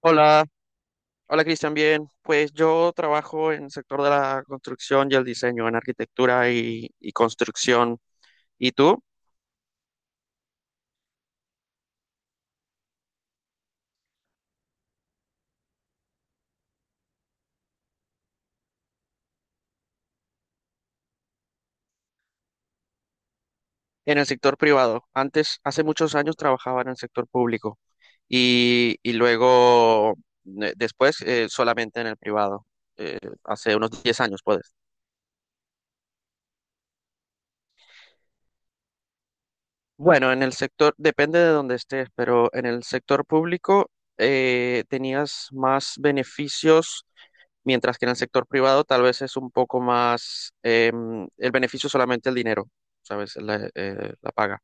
Hola, hola Cristian, bien. Pues yo trabajo en el sector de la construcción y el diseño, en arquitectura y construcción. ¿Y tú? En el sector privado. Antes, hace muchos años trabajaba en el sector público y luego, después, solamente en el privado. eh, hace unos 10 años, puedes. Bueno, en el sector, depende de donde estés, pero en el sector público tenías más beneficios mientras que en el sector privado tal vez es un poco más el beneficio solamente el dinero, ¿sabes? La paga.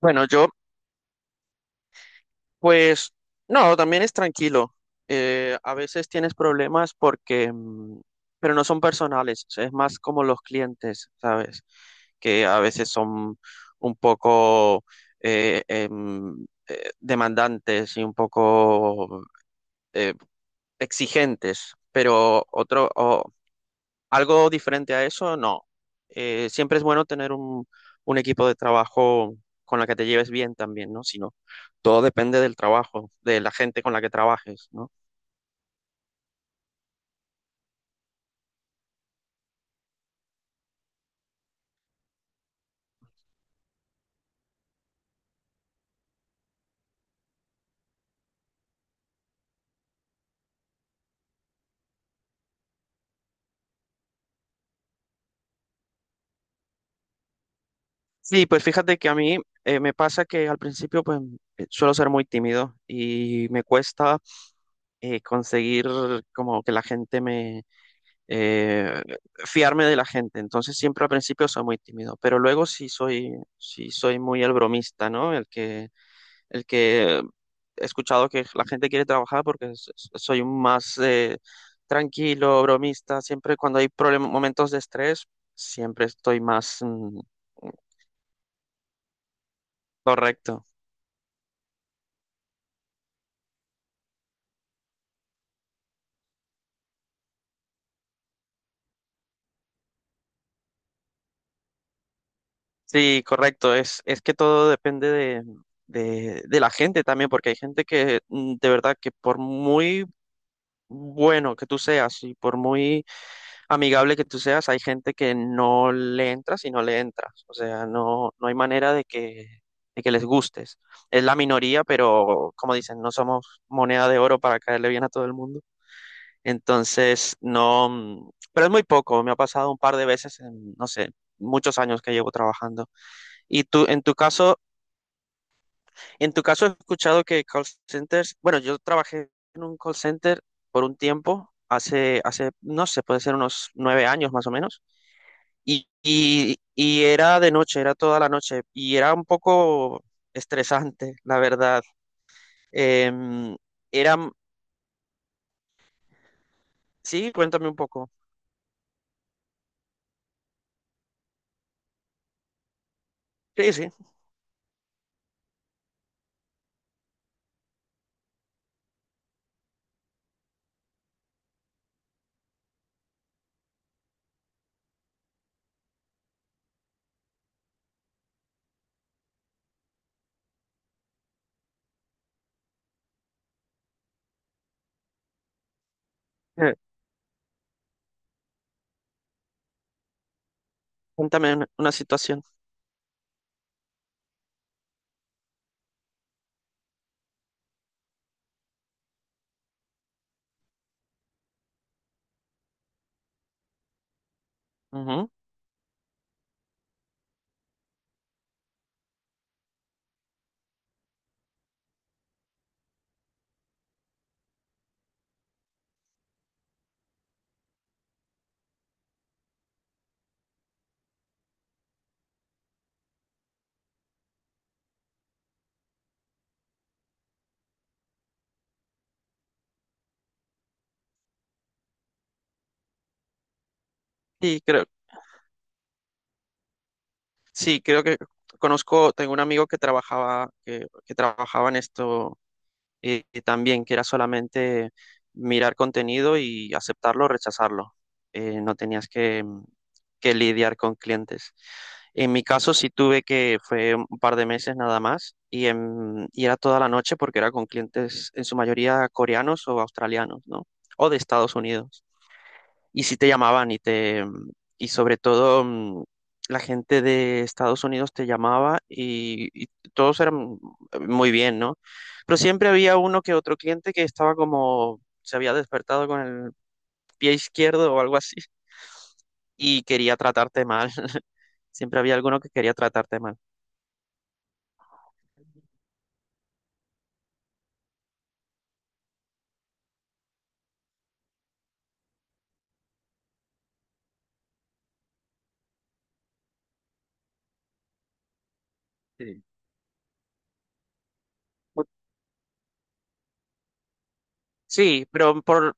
Bueno, yo pues no, también es tranquilo. A veces tienes problemas porque, pero no son personales, o sea, es más como los clientes, ¿sabes? Que a veces son un poco demandantes y un poco eh, exigentes, pero algo diferente a eso, no. Siempre es bueno tener un equipo de trabajo con la que te lleves bien también, ¿no? Sino todo depende del trabajo, de la gente con la que trabajes, ¿no? Sí, pues fíjate que a mí me pasa que al principio pues suelo ser muy tímido y me cuesta conseguir como que la gente me eh, fiarme de la gente. Entonces siempre al principio soy muy tímido, pero luego sí soy muy el bromista, ¿no? El que he escuchado que la gente quiere trabajar porque soy un más tranquilo, bromista, siempre cuando hay problemas, momentos de estrés, siempre estoy más. Correcto. Sí, correcto, es que todo depende de, la gente también, porque hay gente que de verdad que por muy bueno que tú seas y por muy amigable que tú seas, hay gente que no le entras y no le entras. O sea, no, no hay manera de que les gustes. Es la minoría, pero como dicen, no somos moneda de oro para caerle bien a todo el mundo. Entonces, no, pero es muy poco. Me ha pasado un par de veces en, no sé, muchos años que llevo trabajando. Y tú, en tu caso he escuchado que call centers, bueno, yo trabajé en un call center por un tiempo. Hace, no sé, puede ser unos 9 años más o menos. Y era de noche, era toda la noche y era un poco estresante, la verdad. Em, era, sí, cuéntame un poco. Sí, sí, eh, cuéntame una situación. Ujú. Sí, creo, sí, creo que tengo un amigo que trabajaba, que trabajaba en esto también, que era solamente mirar contenido y aceptarlo o rechazarlo. No tenías que, que lidiar con clientes. En mi caso sí tuve fue un par de meses nada más, y era toda la noche porque era con clientes en su mayoría coreanos o australianos, ¿no? O de Estados Unidos y sí te llamaban y sobre todo la gente de Estados Unidos te llamaba y todos eran muy bien, ¿no? Pero siempre había uno que otro cliente que estaba como se había despertado con el pie izquierdo o algo así y quería tratarte mal. Siempre había alguno que quería tratarte mal. Sí. Bu- Sí, pero por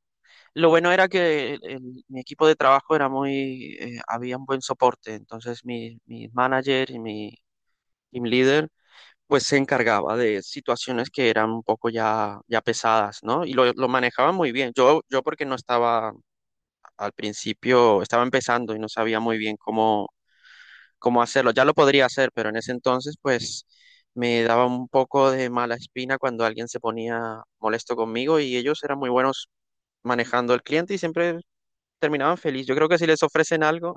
lo bueno era que mi equipo de trabajo era había un buen soporte, entonces mi manager y mi team leader pues se encargaba de situaciones que eran un poco ya, ya pesadas, ¿no? Y lo manejaba muy bien. Yo porque no estaba al principio, estaba empezando y no sabía muy bien cómo hacerlo. Ya lo podría hacer, pero en ese entonces, pues me daba un poco de mala espina cuando alguien se ponía molesto conmigo y ellos eran muy buenos manejando al cliente y siempre terminaban feliz. Yo creo que si les ofrecen algo,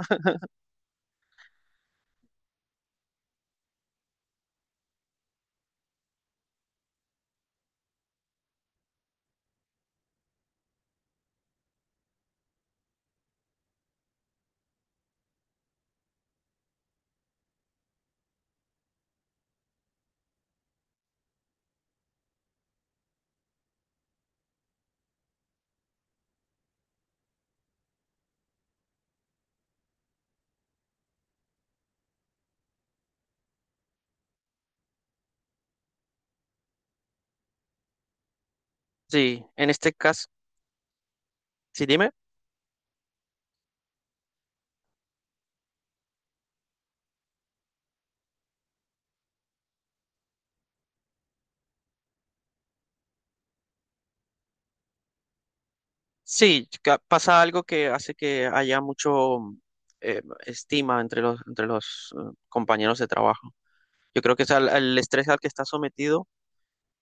sí, en este caso, sí, dime. Sí, pasa algo que hace que haya mucho estima entre los compañeros de trabajo. Yo creo que es el estrés al que estás sometido,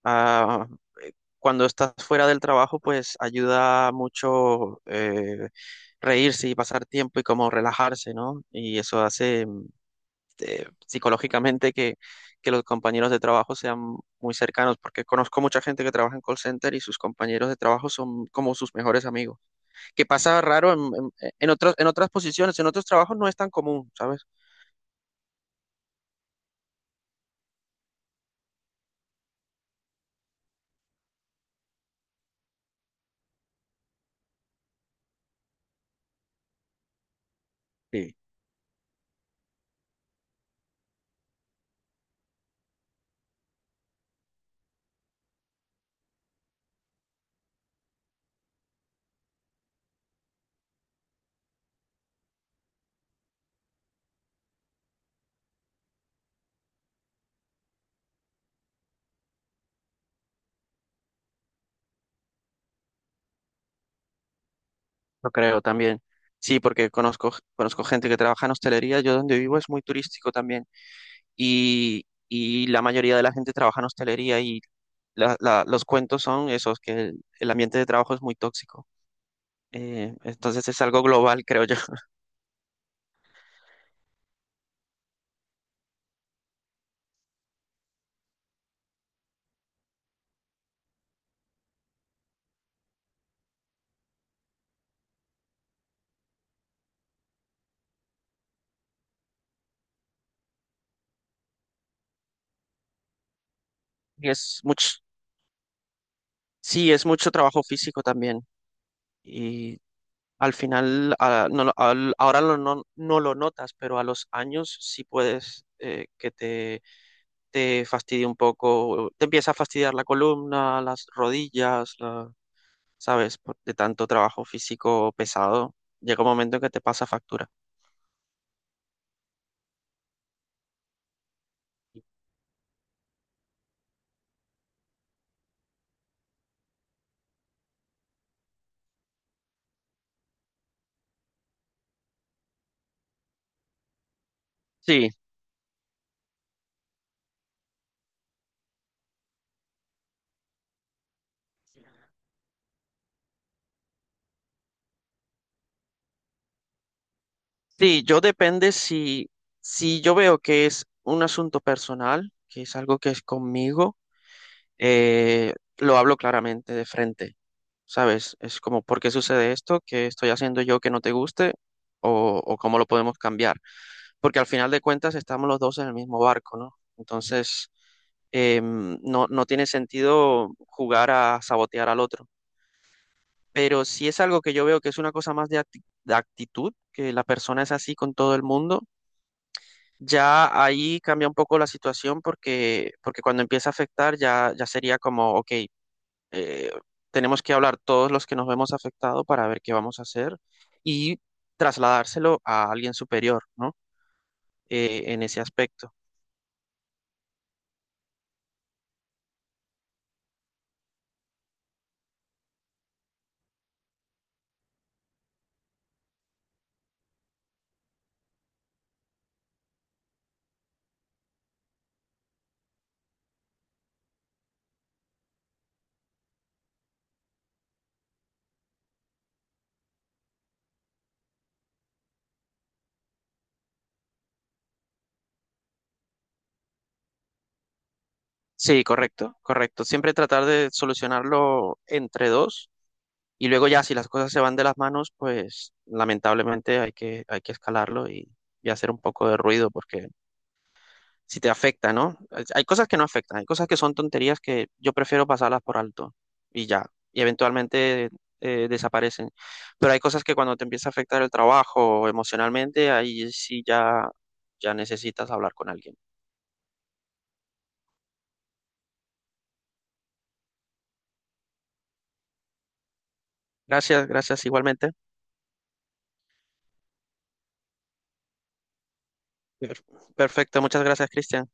ah, cuando estás fuera del trabajo, pues ayuda mucho reírse y pasar tiempo y como relajarse, ¿no? Y eso hace psicológicamente que los compañeros de trabajo sean muy cercanos, porque conozco mucha gente que trabaja en call center y sus compañeros de trabajo son como sus mejores amigos que pasa raro en otras posiciones, en otros trabajos no es tan común, ¿sabes? Sí, lo creo también. Sí, porque conozco gente que trabaja en hostelería, yo donde vivo es muy turístico también y la mayoría de la gente trabaja en hostelería y los cuentos son esos, que el ambiente de trabajo es muy tóxico. Entonces es algo global, creo yo. Y es mucho, sí, es mucho trabajo físico también. Y al final, a- no lo- al- ahora lo no, no lo notas, pero a los años sí puedes que te fastidie un poco, te empieza a fastidiar la columna, las rodillas, ¿sabes? De tanto trabajo físico pesado, llega un momento en que te pasa factura. Sí, sí, yo depende si yo veo que es un asunto personal, que es algo que es conmigo lo hablo claramente de frente, ¿sabes? Es como, ¿por qué sucede esto? ¿Qué estoy haciendo yo que no te guste? ¿O cómo lo podemos cambiar? Porque al final de cuentas estamos los dos en el mismo barco, ¿no? Entonces, no, no tiene sentido jugar a sabotear al otro. Pero si es algo que yo veo que es una cosa más de actitud, que la persona es así con todo el mundo, ya ahí cambia un poco la situación porque, cuando empieza a afectar ya, ya sería como, ok, eh, tenemos que hablar todos los que nos vemos afectados para ver qué vamos a hacer y trasladárselo a alguien superior, ¿no? En ese aspecto. Sí, correcto, correcto. Siempre tratar de solucionarlo entre dos y luego ya si las cosas se van de las manos, pues lamentablemente hay que escalarlo y hacer un poco de ruido porque si te afecta, ¿no? Hay cosas que no afectan, hay cosas que son tonterías que yo prefiero pasarlas por alto y ya, y eventualmente desaparecen. Pero hay cosas que cuando te empieza a afectar el trabajo emocionalmente, ahí sí ya necesitas hablar con alguien. Gracias, gracias igualmente. Per- Perfecto, muchas gracias, Cristian.